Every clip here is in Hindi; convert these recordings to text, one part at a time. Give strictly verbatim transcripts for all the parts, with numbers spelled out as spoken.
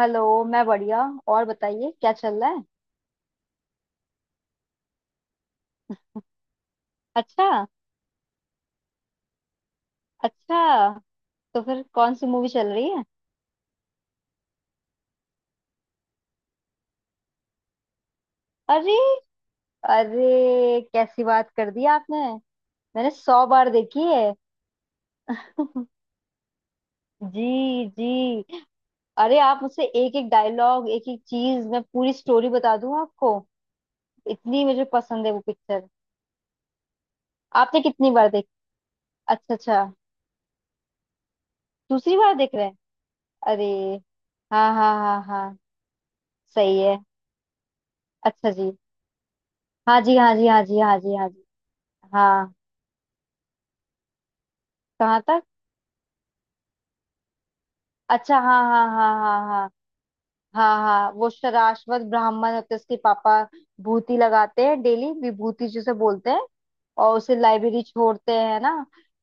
हेलो। मैं बढ़िया। और बताइए क्या चल रहा है। अच्छा अच्छा। तो फिर कौन सी मूवी चल रही है। अरे अरे कैसी बात कर दी आपने। मैंने सौ बार देखी है। जी जी। अरे आप मुझसे एक एक डायलॉग एक एक चीज मैं पूरी स्टोरी बता दूं आपको। इतनी मुझे पसंद है वो पिक्चर। आपने कितनी बार देखी। अच्छा अच्छा। दूसरी बार देख रहे हैं। अरे। हाँ हाँ हाँ हाँ। सही है। अच्छा जी। हाँ जी हाँ जी हाँ जी हाँ जी हाँ जी। हाँ। कहाँ तक। अच्छा हाँ हाँ हाँ हाँ हाँ। हाँ हाँ वो शराश्वत ब्राह्मण होते हैं, उसके पापा भूति लगाते हैं, डेली विभूति जिसे बोलते हैं। और उसे लाइब्रेरी छोड़ते हैं, है ना।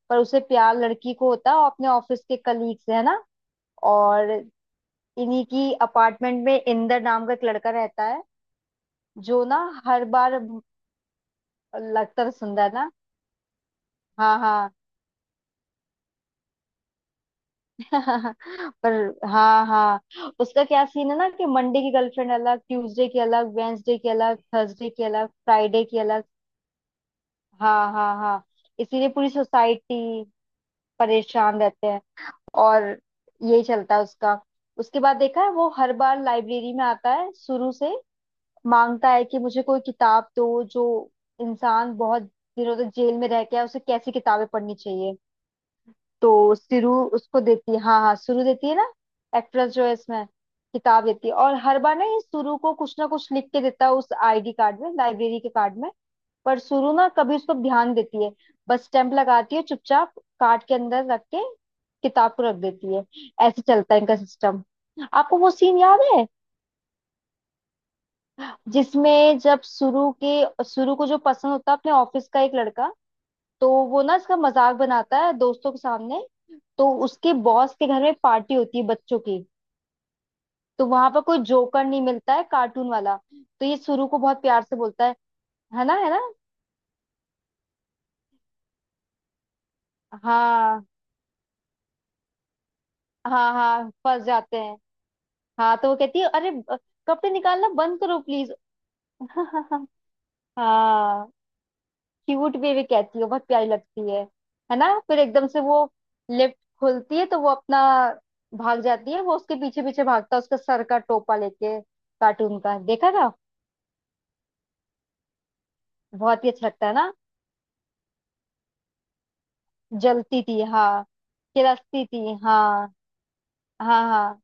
पर उसे प्यार लड़की को होता है और अपने ऑफिस के कलीग से, है ना। और इन्हीं की अपार्टमेंट में इंदर नाम का एक लड़का रहता है। जो ना हर बार। लगता तो सुंदर ना। हाँ हाँ। पर हाँ हाँ, उसका क्या सीन है ना कि मंडे की गर्लफ्रेंड अलग, ट्यूसडे की अलग, वेंसडे की अलग, थर्सडे की अलग, फ्राइडे की अलग। हाँ हाँ हाँ। इसीलिए पूरी सोसाइटी परेशान रहते हैं। और यही चलता है उसका। उसके बाद देखा है वो हर बार लाइब्रेरी में आता है शुरू से। मांगता है कि मुझे कोई किताब दो जो इंसान बहुत दिनों तक जेल में रह के आया, उसे कैसी किताबें पढ़नी चाहिए। तो सिरु उसको देती है। हाँ हाँ सुरु देती है ना, एक्ट्रेस जो है इसमें। किताब देती है और हर बार ना ये सुरु को कुछ ना कुछ लिख के देता है उस आईडी कार्ड में, लाइब्रेरी के कार्ड में। पर सुरु ना कभी उसको ध्यान देती है। बस स्टैंप लगाती है चुपचाप, कार्ड के अंदर रख के किताब को रख देती है। ऐसे चलता है इनका सिस्टम। आपको वो सीन याद है जिसमें जब सुरु के सुरु को जो पसंद होता है अपने ऑफिस का एक लड़का, तो वो ना इसका मजाक बनाता है दोस्तों के सामने। तो उसके बॉस के घर में पार्टी होती है बच्चों की। तो वहां पर कोई जोकर नहीं मिलता है कार्टून वाला, तो ये सुरु को बहुत प्यार से बोलता है। है ना, है ना। हाँ हाँ हाँ फंस जाते हैं। हाँ तो वो कहती है अरे ब- कपड़े निकालना बंद करो प्लीज। हाँ क्यूट भी भी कहती है, बहुत प्यारी लगती है। है ना फिर एकदम से वो लिफ्ट खुलती है तो वो अपना भाग जाती है, वो उसके पीछे पीछे भागता है उसका सर का टोपा लेके, कार्टून का, देखा था। बहुत ही अच्छा लगता है ना। जलती थी हाँ। खिलस्ती थी हाँ हाँ हाँ।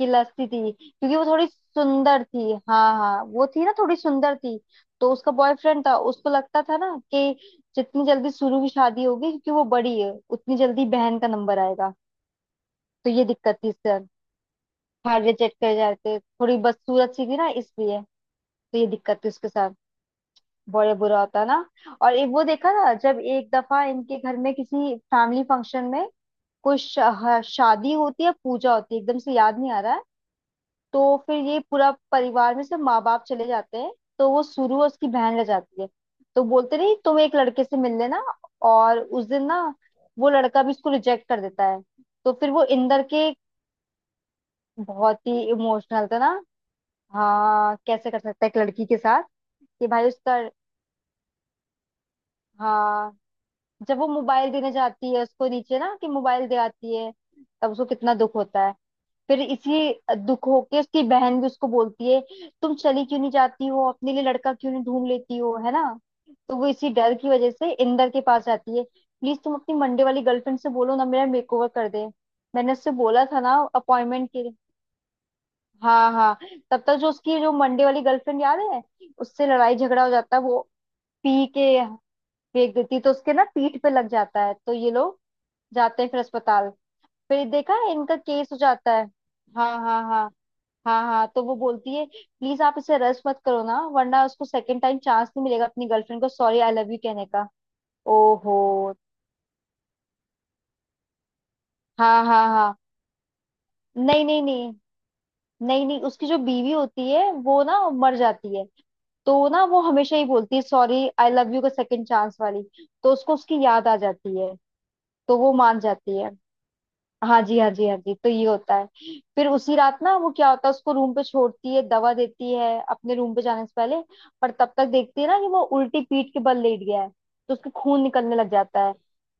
खिलस्ती थी क्योंकि वो थोड़ी सुंदर थी। हाँ हाँ वो थी ना, थोड़ी सुंदर थी। तो उसका बॉयफ्रेंड था, उसको लगता था ना कि जितनी जल्दी सुरु की शादी होगी क्योंकि वो बड़ी है, उतनी जल्दी बहन का नंबर आएगा। तो ये दिक्कत थी इसके साथ। हार्ट रिजेक्ट कर जाते, थोड़ी बदसूरत सी थी ना इसलिए। तो ये दिक्कत थी उसके साथ। बड़े बुरा होता ना। और एक वो देखा था जब एक दफा इनके घर में किसी फैमिली फंक्शन में कोई शा, हाँ, शादी होती है, पूजा होती है, एकदम से याद नहीं आ रहा है। तो फिर ये पूरा परिवार में से माँ बाप चले जाते हैं। तो वो सुरु और उसकी बहन रह जाती है। तो बोलते नहीं तुम एक लड़के से मिल लेना। और उस दिन ना वो लड़का भी इसको रिजेक्ट कर देता है। तो फिर वो इंदर के। बहुत ही इमोशनल था ना। हाँ कैसे कर सकता है एक लड़की के साथ। कि भाई उसका। हाँ जब वो मोबाइल देने जाती है उसको नीचे, ना कि मोबाइल दे आती है, तब उसको कितना दुख होता है। फिर इसी दुख होके उसकी बहन भी उसको बोलती है तुम चली क्यों नहीं जाती हो, अपने लिए लड़का क्यों नहीं ढूंढ लेती हो, है ना। तो वो इसी डर की वजह से इंदर के पास जाती है, प्लीज तुम अपनी मंडे वाली गर्लफ्रेंड से बोलो ना, मेरा मेकओवर कर दे। मैंने उससे बोला था ना अपॉइंटमेंट के लिए। हाँ हाँ। तब तक जो उसकी जो मंडे वाली गर्लफ्रेंड याद है, उससे लड़ाई झगड़ा हो जाता है। वो पी के फेंक देती है, तो उसके ना पीठ पे लग जाता है। तो ये लोग जाते हैं फिर अस्पताल। फिर देखा है इनका केस हो जाता है। हाँ हाँ हाँ हाँ हाँ तो वो बोलती है प्लीज आप इसे रस मत करो ना, वरना उसको सेकंड टाइम चांस नहीं मिलेगा अपनी गर्लफ्रेंड को सॉरी आई लव यू कहने का। ओहो। हाँ हाँ हाँ। नहीं नहीं नहीं। नहीं नहीं उसकी जो बीवी होती है वो ना मर जाती है। तो ना वो हमेशा ही बोलती है सॉरी आई लव यू का सेकंड चांस वाली। तो उसको उसकी याद आ जाती है। तो वो मान जाती है। हाँ जी हाँ जी हाँ जी तो ये होता है। फिर उसी रात ना वो क्या होता है, उसको रूम पे छोड़ती है, दवा देती है अपने रूम पे जाने से पहले। पर तब तक देखती है ना कि वो उल्टी पीठ के बल लेट गया है तो उसके खून निकलने लग जाता है।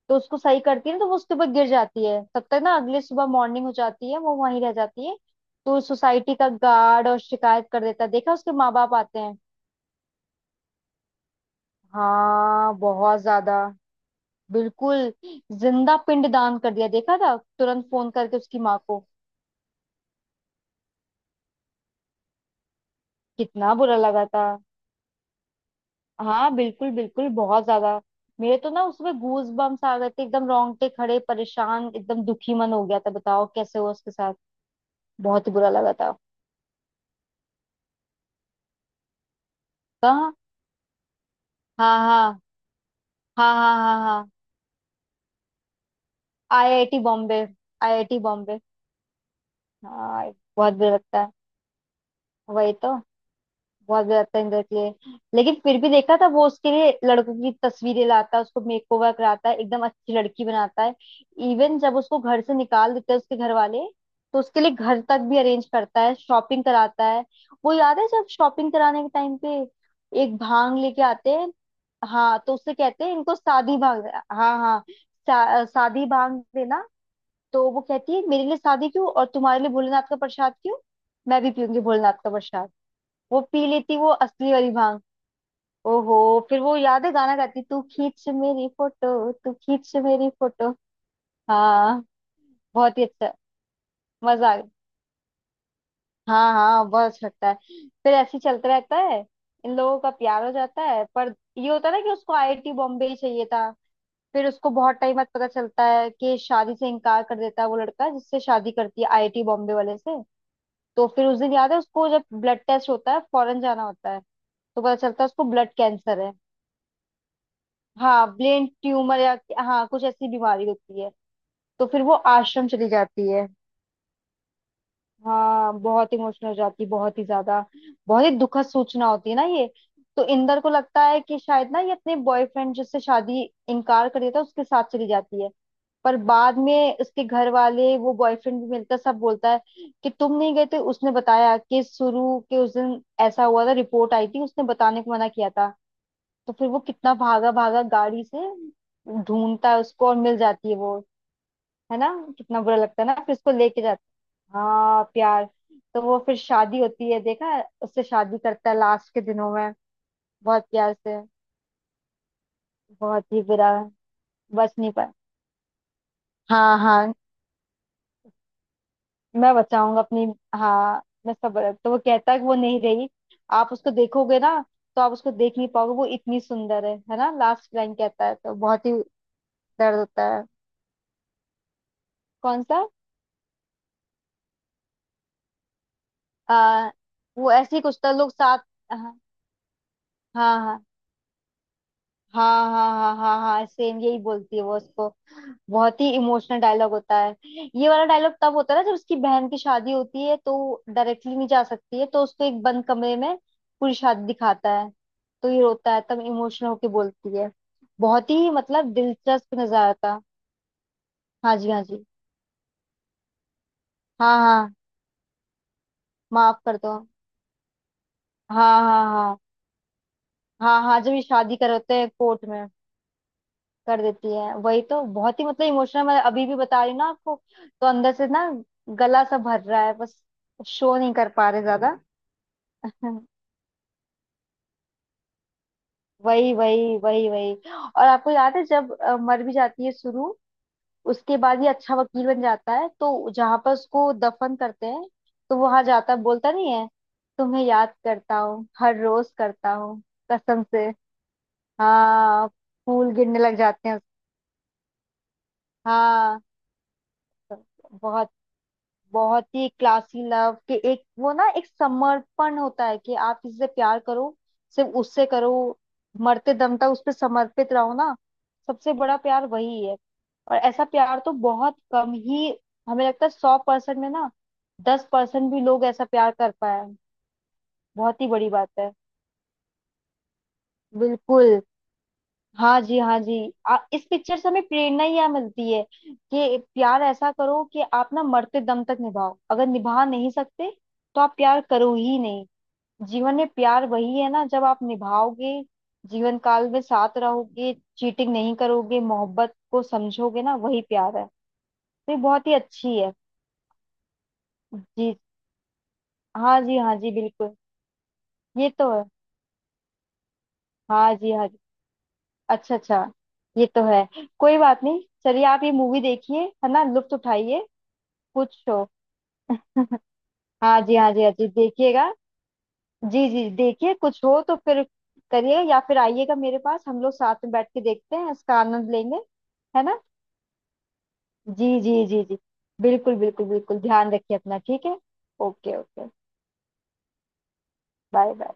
तो उसको सही करती है ना, तो वो उसके ऊपर गिर जाती है, तब तक ना अगले सुबह मॉर्निंग हो जाती है, वो वहीं रह जाती है। तो सोसाइटी का गार्ड और शिकायत कर देता है, देखा, उसके माँ बाप आते हैं। हाँ बहुत ज्यादा। बिल्कुल। जिंदा पिंड दान कर दिया, देखा था, तुरंत फोन करके उसकी माँ को। कितना बुरा लगा था। हाँ बिल्कुल बिल्कुल, बहुत ज्यादा। मेरे तो ना उसमें गूज बम्स आ गए थे, एकदम रोंगटे खड़े, परेशान, एकदम दुखी मन हो गया था, बताओ कैसे हुआ उसके साथ। बहुत ही बुरा लगा था। कहाँ। हाँ हाँ हाँ हाँ हाँ हाँ। आईआईटी बॉम्बे। आईआईटी बॉम्बे। हाँ बहुत बुरा लगता है। वही तो। बहुत ज्यादा तंग करती है। लेकिन फिर भी देखा था वो उसके लिए लड़कों की तस्वीरें लाता है, उसको मेकओवर कराता है, एकदम अच्छी लड़की बनाता है। इवन जब उसको घर से निकाल देते हैं उसके घर वाले, तो उसके लिए घर तक भी अरेंज करता है, शॉपिंग कराता है। वो याद है जब शॉपिंग कराने के टाइम पे एक भांग लेके आते हैं। हाँ तो उससे कहते हैं इनको शादी भांग। हाँ हाँ शा- शादी भांग देना। तो वो कहती है मेरे लिए शादी क्यों और तुम्हारे लिए भोलेनाथ का प्रसाद क्यों, मैं भी पीऊंगी भोलेनाथ का प्रसाद। वो पी लेती वो असली वाली भांग। ओहो। फिर वो याद है गाना गाती, तू खींच मेरी फोटो, तू खींच मेरी फोटो। हाँ बहुत ही अच्छा, मजा आ गया। हाँ हाँ बहुत अच्छा लगता है। फिर ऐसे ही चलता रहता है, इन लोगों का प्यार हो जाता है, पर ये होता है ना कि उसको आईआईटी बॉम्बे ही चाहिए था। फिर उसको बहुत टाइम बाद पता चलता है कि शादी से इनकार कर देता है वो लड़का जिससे शादी करती है, आईआईटी बॉम्बे वाले से। तो फिर उस दिन याद है उसको जब ब्लड टेस्ट होता है, फॉरेन जाना होता है, तो पता चलता है उसको ब्लड कैंसर है। हाँ ब्रेन ट्यूमर या, हाँ कुछ ऐसी बीमारी होती है। तो फिर वो आश्रम चली जाती है। हाँ बहुत इमोशनल हो जाती है, बहुत ही ज्यादा। बहुत ही दुखद सूचना होती है ना ये। तो इंदर को लगता है कि शायद ना ये अपने बॉयफ्रेंड जिससे शादी इनकार कर दिया था उसके साथ चली जाती है। पर बाद में उसके घर वाले वो बॉयफ्रेंड भी मिलता है, सब बोलता है कि तुम नहीं गए थे, उसने बताया कि शुरू के उस दिन ऐसा हुआ था, रिपोर्ट आई थी, उसने बताने को मना किया था। तो फिर वो कितना भागा भागा गाड़ी से ढूंढता है उसको और मिल जाती है वो, है ना। कितना बुरा लगता है ना, फिर उसको लेके जाता है। हाँ प्यार। तो वो फिर शादी होती है, देखा है? उससे शादी करता है लास्ट के दिनों में, बहुत प्यार से। बहुत ही बुरा। बच नहीं पाया। हाँ हाँ। मैं बचाऊंगा अपनी, हाँ मैं सबर, तो वो कहता है कि वो नहीं रही। आप उसको देखोगे ना, तो आप उसको देख नहीं पाओगे, वो इतनी सुंदर है है ना, लास्ट लाइन कहता है, तो बहुत ही दर्द होता है। कौन सा। आ, वो ऐसे ही कुछ तो लोग साथ। हाँ हाँ हाँ हाँ हाँ हाँ हाँ सेम यही बोलती है वो उसको। बहुत ही इमोशनल डायलॉग होता है। ये वाला डायलॉग तब होता है ना जब उसकी बहन की शादी होती है, तो डायरेक्टली नहीं जा सकती है, तो उसको एक बंद कमरे में पूरी शादी दिखाता है। तो ये रोता है, तब इमोशनल होके बोलती है। बहुत ही मतलब दिलचस्प नजारा था। हाँ जी हाँ जी। हाँ हाँ। माफ कर दो। हाँ हाँ हाँ हाँ। हाँ जब ये शादी कर होते हैं कोर्ट में कर देती है वही, तो बहुत ही मतलब इमोशनल, मैं अभी भी बता रही हूँ ना आपको, तो अंदर से ना गला सा भर रहा है बस, शो नहीं कर पा रहे ज्यादा। हम्म। वही वही वही वही। और आपको याद है जब अ, मर भी जाती है शुरू, उसके बाद ये अच्छा वकील बन जाता है, तो जहां पर उसको दफन करते हैं, तो वो वहां जाता है, बोलता नहीं है, तुम्हें याद करता हूँ हर रोज करता हूँ कसम से। हाँ फूल गिरने लग जाते हैं। हाँ बहुत। बहुत ही क्लासी लव कि एक वो ना एक समर्पण होता है कि आप किसी से प्यार करो, सिर्फ उससे करो, मरते दम तक उस पर समर्पित रहो ना, सबसे बड़ा प्यार वही है। और ऐसा प्यार तो बहुत कम ही हमें लगता है, सौ परसेंट में ना दस परसेंट भी लोग ऐसा प्यार कर पाए। बहुत ही बड़ी बात है। बिल्कुल। हाँ जी हाँ जी। आ, इस पिक्चर से हमें प्रेरणा ही यह मिलती है कि प्यार ऐसा करो कि आप ना मरते दम तक निभाओ, अगर निभा नहीं सकते तो आप प्यार करो ही नहीं। जीवन में प्यार वही है ना जब आप निभाओगे, जीवन काल में साथ रहोगे, चीटिंग नहीं करोगे, मोहब्बत को समझोगे ना, वही प्यार है। तो ये बहुत ही अच्छी है। जी हाँ जी हाँ जी बिल्कुल। ये तो है। हाँ जी हाँ जी। अच्छा अच्छा। ये तो है। कोई बात नहीं, चलिए आप ये मूवी देखिए, है ना, लुत्फ उठाइए। कुछ। हाँ जी हाँ जी हाँ जी देखिएगा। जी जी देखिए, कुछ हो तो फिर करिएगा, या फिर आइएगा मेरे पास, हम लोग साथ में बैठ के देखते हैं, इसका आनंद लेंगे, है ना। जी जी जी जी। बिल्कुल बिल्कुल बिल्कुल। ध्यान रखिए अपना, ठीक है। Okay okay. Bye bye.